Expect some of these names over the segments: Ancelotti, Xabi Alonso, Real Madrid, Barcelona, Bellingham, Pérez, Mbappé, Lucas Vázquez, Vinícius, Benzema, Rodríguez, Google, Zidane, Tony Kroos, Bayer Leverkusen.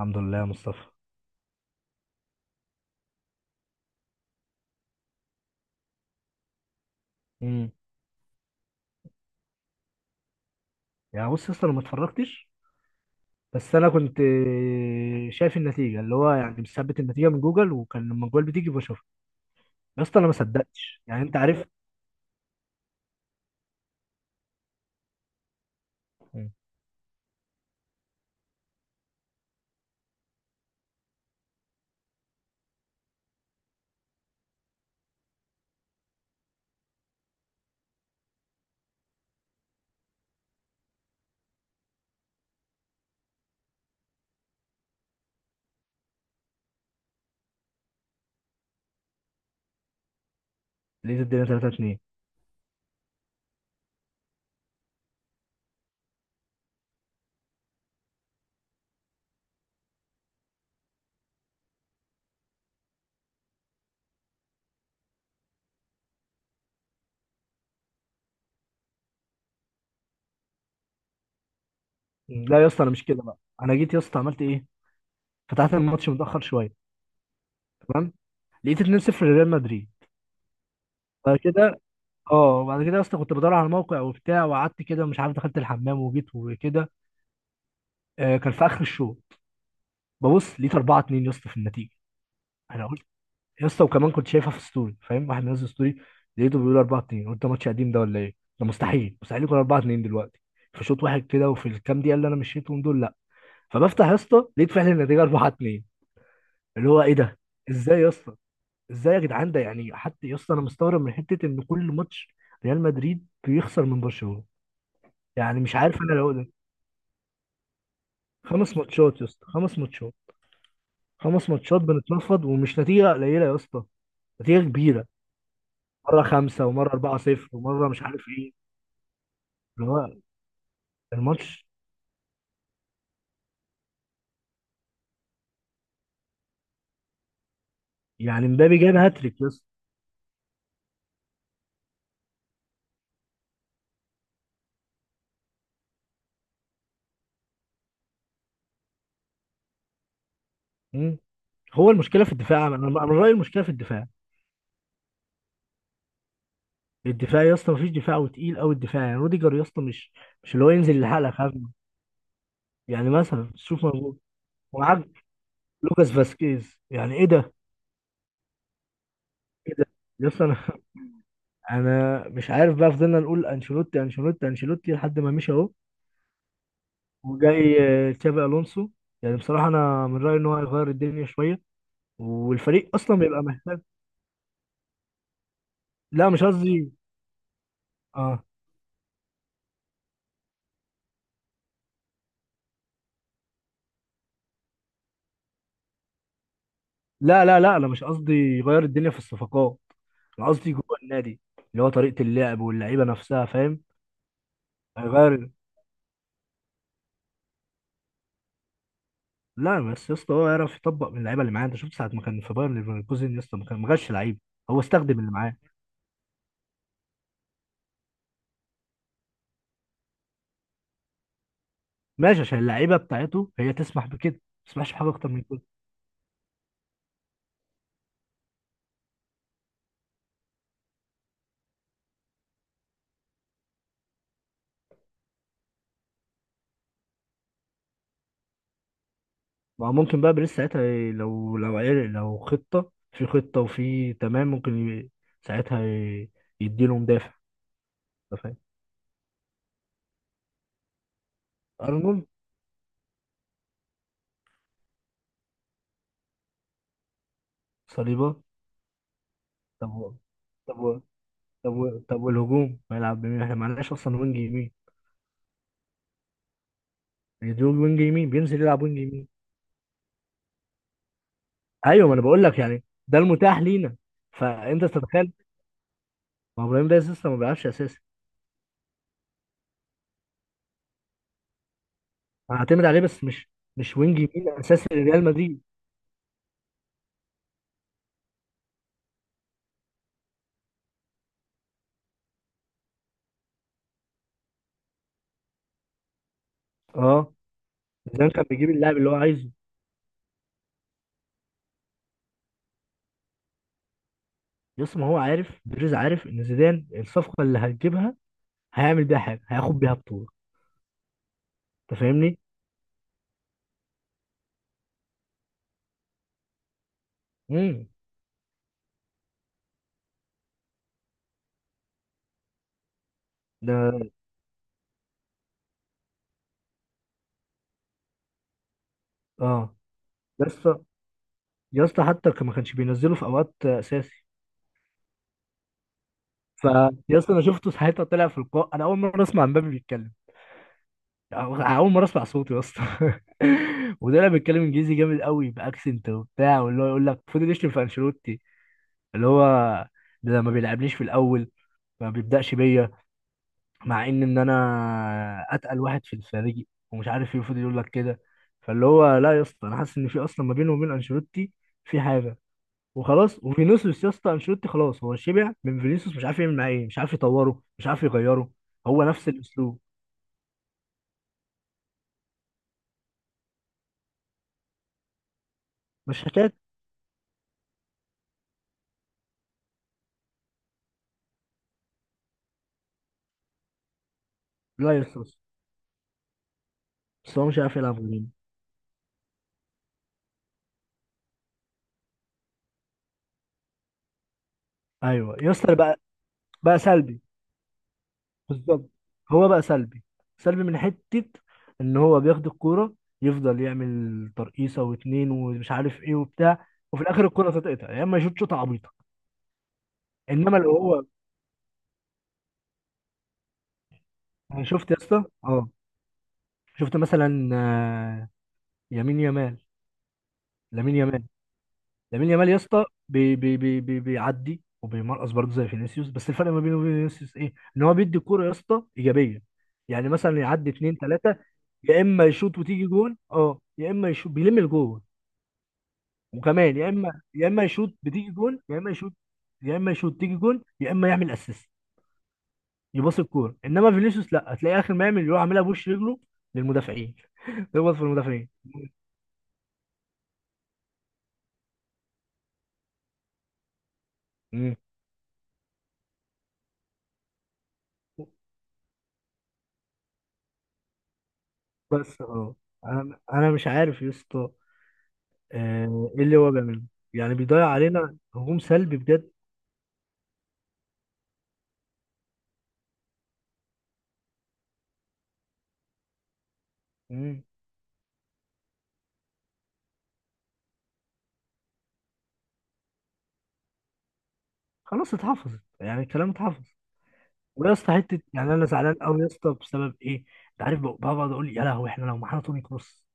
الحمد لله يا مصطفى. امم. يعني بص اصلا ما اتفرجتش. بس انا كنت شايف النتيجه، اللي هو يعني مثبت النتيجه من جوجل، وكان لما الجوال بتيجي بشوفها. يا اسطى انا ما صدقتش، يعني انت عارف. مم. لقيت الدنيا 3-2. لا يا اسطى انا مش كده، بقى انا جيت يا اسطى عملت ايه، فتحت الماتش متاخر شويه، تمام، لقيت 2-0 لريال مدريد. بعد كده اه وبعد كده يا اسطى كنت بدور على الموقع وبتاع، وقعدت كده مش عارف، دخلت الحمام وجيت وكده. كان في اخر الشوط، ببص لقيت 4-2 يا اسطى في النتيجه. انا يا اسطى وكمان كنت شايفها في ستوري، فاهم، واحد منزل ستوري، لقيته بيقول 4-2، قلت ده ماتش قديم ده ولا ايه؟ ده مستحيل مستحيل يكون 4-2 دلوقتي، فشوط واحد كده وفي الكام دقيقه اللي انا مشيتهم دول، لا. فبفتح يا اسطى لقيت فعلا النتيجه 4-2. اللي هو ايه ده؟ ازاي يا اسطى؟ ازاي يا جدعان؟ ده يعني حتى يا اسطى انا مستغرب من حته ان كل ماتش ريال مدريد بيخسر من برشلونه. يعني مش عارف انا لو ده، خمس ماتشات يا اسطى، خمس ماتشات، خمس ماتشات بنتنفض، ومش نتيجه قليله يا اسطى، نتيجه كبيره. مره خمسه، ومره 4-0، ومره مش عارف إيه. اللي هو الماتش، يعني مبابي جاب هاتريك يا اسطى. مم. هو المشكله في الدفاع، أنا من رايي المشكله في الدفاع. الدفاع يا اسطى مفيش دفاع، وتقيل قوي الدفاع، يعني روديجر يا اسطى مش اللي هو ينزل يلحقك هجمه. يعني مثلا شوف موجود، ومعاك لوكاس فاسكيز، يعني ايه ده؟ ايه ده يا اسطى؟ انا انا مش عارف بقى، فضلنا نقول انشيلوتي انشيلوتي انشيلوتي لحد ما مشي اهو. وجاي تشابي الونسو، يعني بصراحه انا من رايي ان هو هيغير الدنيا شويه، والفريق اصلا بيبقى محتاج. لا مش قصدي. اه لا لا لا، انا مش قصدي يغير الدنيا في الصفقات، انا قصدي جوه النادي، اللي هو طريقه اللعب واللعيبه نفسها، فاهم؟ هيغير. لا بس يا اسطى هو يعرف يطبق من اللعيبه اللي معاه، انت شفت ساعه ما كان في باير ليفركوزن يا اسطى، ما جابش لعيبه، هو استخدم اللي معاه. ماشي، عشان اللعيبه بتاعته هي تسمح بكده، ما تسمحش بحاجه اكتر من كده. ما هو ممكن بقى بيريز ساعتها لو عرق، لو خطه في خطه وفي تمام، ممكن ساعتها يديله مدافع. أنت فاهم؟ ارنولد. صليبه. طب هو- طب هو- طب و... طب والهجوم هيلعب بمين؟ احنا معناش اصلا وينج يمين. يعني دول وينج يمين بينزل يلعب وينج يمين. ايوه ما انا بقول لك، يعني ده المتاح لينا، فانت تتخيل. ما هو ابراهيم ده لسه ما بيلعبش اساسي. هعتمد عليه بس مش، مش وينج يمين اساسي لريال مدريد. اه زيدان كان بيجيب اللاعب اللي هو عايزه. يس، ما هو عارف بيريز، عارف ان زيدان الصفقه اللي هتجيبها هيعمل بيها حاجه، هياخد بيها بطوله. انت فاهمني؟ امم. ده اه يس. يس، حتى ما كانش بينزله في اوقات اساسي. ف، يا اسطى انا شفته ساعتها طلع في اللقاء، انا اول مره اسمع مبابي بيتكلم. أو- اول مره اسمع صوته يا اسطى وطلع بيتكلم انجليزي جامد قوي، باكسنت وبتاع، واللي هو يقول لك فضل يشتم في انشيلوتي. اللي هو ده ما بيلعبنيش في الاول، ما بيبداش بيا، مع ان انا اتقل واحد في الفريق، ومش عارف ايه، فضل يقول لك كده. فاللي هو لا يا اسطى انا حاسس ان في اصلا ما بينه وبين انشيلوتي في حاجه، وخلاص. وفينيسيوس يا اسطى، انشيلوتي خلاص هو شبع من فينيسيوس، مش عارف يعمل معاه ايه، مش عارف يطوره، مش عارف يغيره. هو نفس الاسلوب، مش حكايه. لا يا اسطى بس هو مش عارف يلعب غيره. ايوه يا اسطى، بقى سلبي. بالظبط، هو بقى سلبي، سلبي من حته ان هو بياخد الكوره، يفضل يعمل ترقيصه واتنين ومش عارف ايه وبتاع، وفي الاخر الكوره تتقطع، يا اما يشوط شوطه عبيطه. انما لو هو، انا شفت يا اسطى. اه شفت مثلا يمين يامال، لامين يامال. لامين يامال يا اسطى بي بي بي بي بيعدي وبيمرقص برضه زي فينيسيوس، بس الفرق ما بينه وبين فينيسيوس ايه؟ ان هو بيدي الكوره يا اسطى ايجابيه. يعني مثلا يعدي اتنين تلاته، يا اما يشوط وتيجي جون، يا اما يشوط بيلم الجون. وكمان يا اما يشوط بتيجي جون، يا اما يشوط، يا اما يشوط تيجي جون، يا اما يعمل اسيست، يباص الكوره. انما فينيسيوس لا، هتلاقي اخر ما يعمل يروح عاملها بوش رجله للمدافعين يخبط في المدافعين. مم. بس انا مش عارف يا اسطى ايه اللي هو بيعمله، يعني بيضيع علينا هجوم، سلبي بجد. مم. خلاص اتحفظت، يعني الكلام اتحفظ. ويا اسطى حته، يعني انا زعلان قوي يا اسطى بسبب ايه، انت عارف بقعد اقول يا لهوي، احنا لو معانا توني كروس،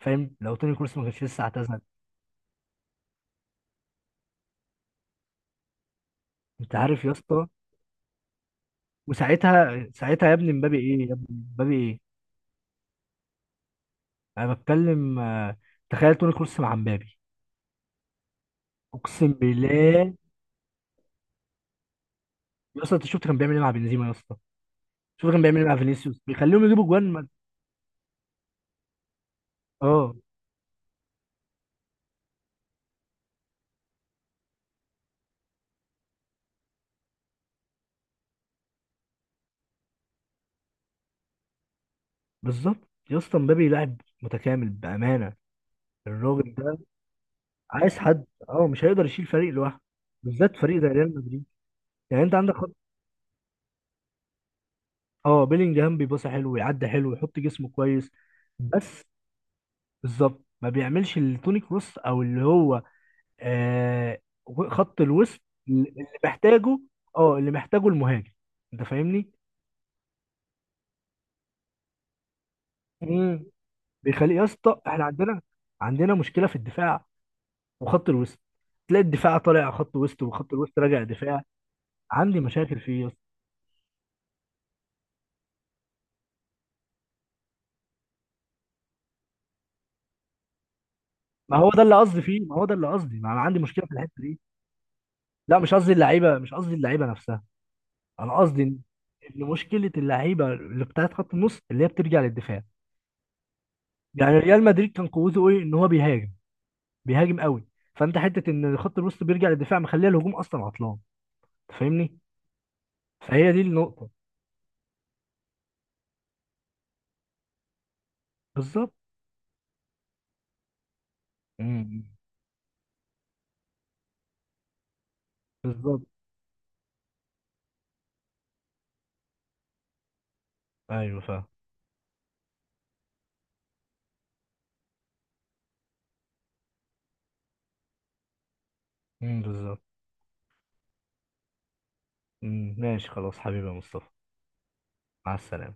فاهم، لو توني كروس ما كانش لسه اعتزل. انت عارف يا اسطى، وساعتها، ساعتها يا ابني مبابي ايه يا ابني، مبابي ايه؟ انا بتكلم تخيل توني كروس مع مبابي، اقسم بالله. يا اسطى انت شفت كان بيعمل ايه مع بنزيما يا اسطى؟ شفت كان بيعمل ايه مع فينيسيوس؟ بيخليهم يجيبوا جوان اه بالظبط، يا اسطى مبابي لاعب متكامل بامانه، الراجل ده، عايز حد. اه، مش هيقدر يشيل فريق لوحده، بالذات فريق زي ريال مدريد. يعني انت عندك خط. اه، بيلينجهام بيباصي حلو، ويعدي حلو، ويحط جسمه كويس، بس بالظبط ما بيعملش اللي توني كروس، او اللي هو آه خط الوسط اللي محتاجه. اه اللي محتاجه المهاجم، انت فاهمني؟ مم. بيخليه يا اسطى، احنا عندنا مشكله في الدفاع وخط الوسط، تلاقي الدفاع طالع خط وسط، وخط الوسط راجع دفاع. عندي مشاكل فيه يا اسطى. ما هو ده اللي قصدي فيه، ما هو ده اللي قصدي، ما انا عندي مشكله في الحته دي. لا، مش قصدي اللعيبه نفسها، انا قصدي ان، إن مشكله اللعيبه اللي بتاعت خط النص اللي هي بترجع للدفاع. يعني ريال مدريد كان قوته ايه؟ ان هو بيهاجم، بيهاجم قوي، فانت حته ان خط الوسط بيرجع للدفاع مخليه الهجوم اصلا عطلان، تفهمني؟ فهي دي النقطه. بالظبط. امم، بالظبط. ايوه فاهم. امم، بالظبط. امم، ماشي خلاص حبيبي يا مصطفى. مع السلامه.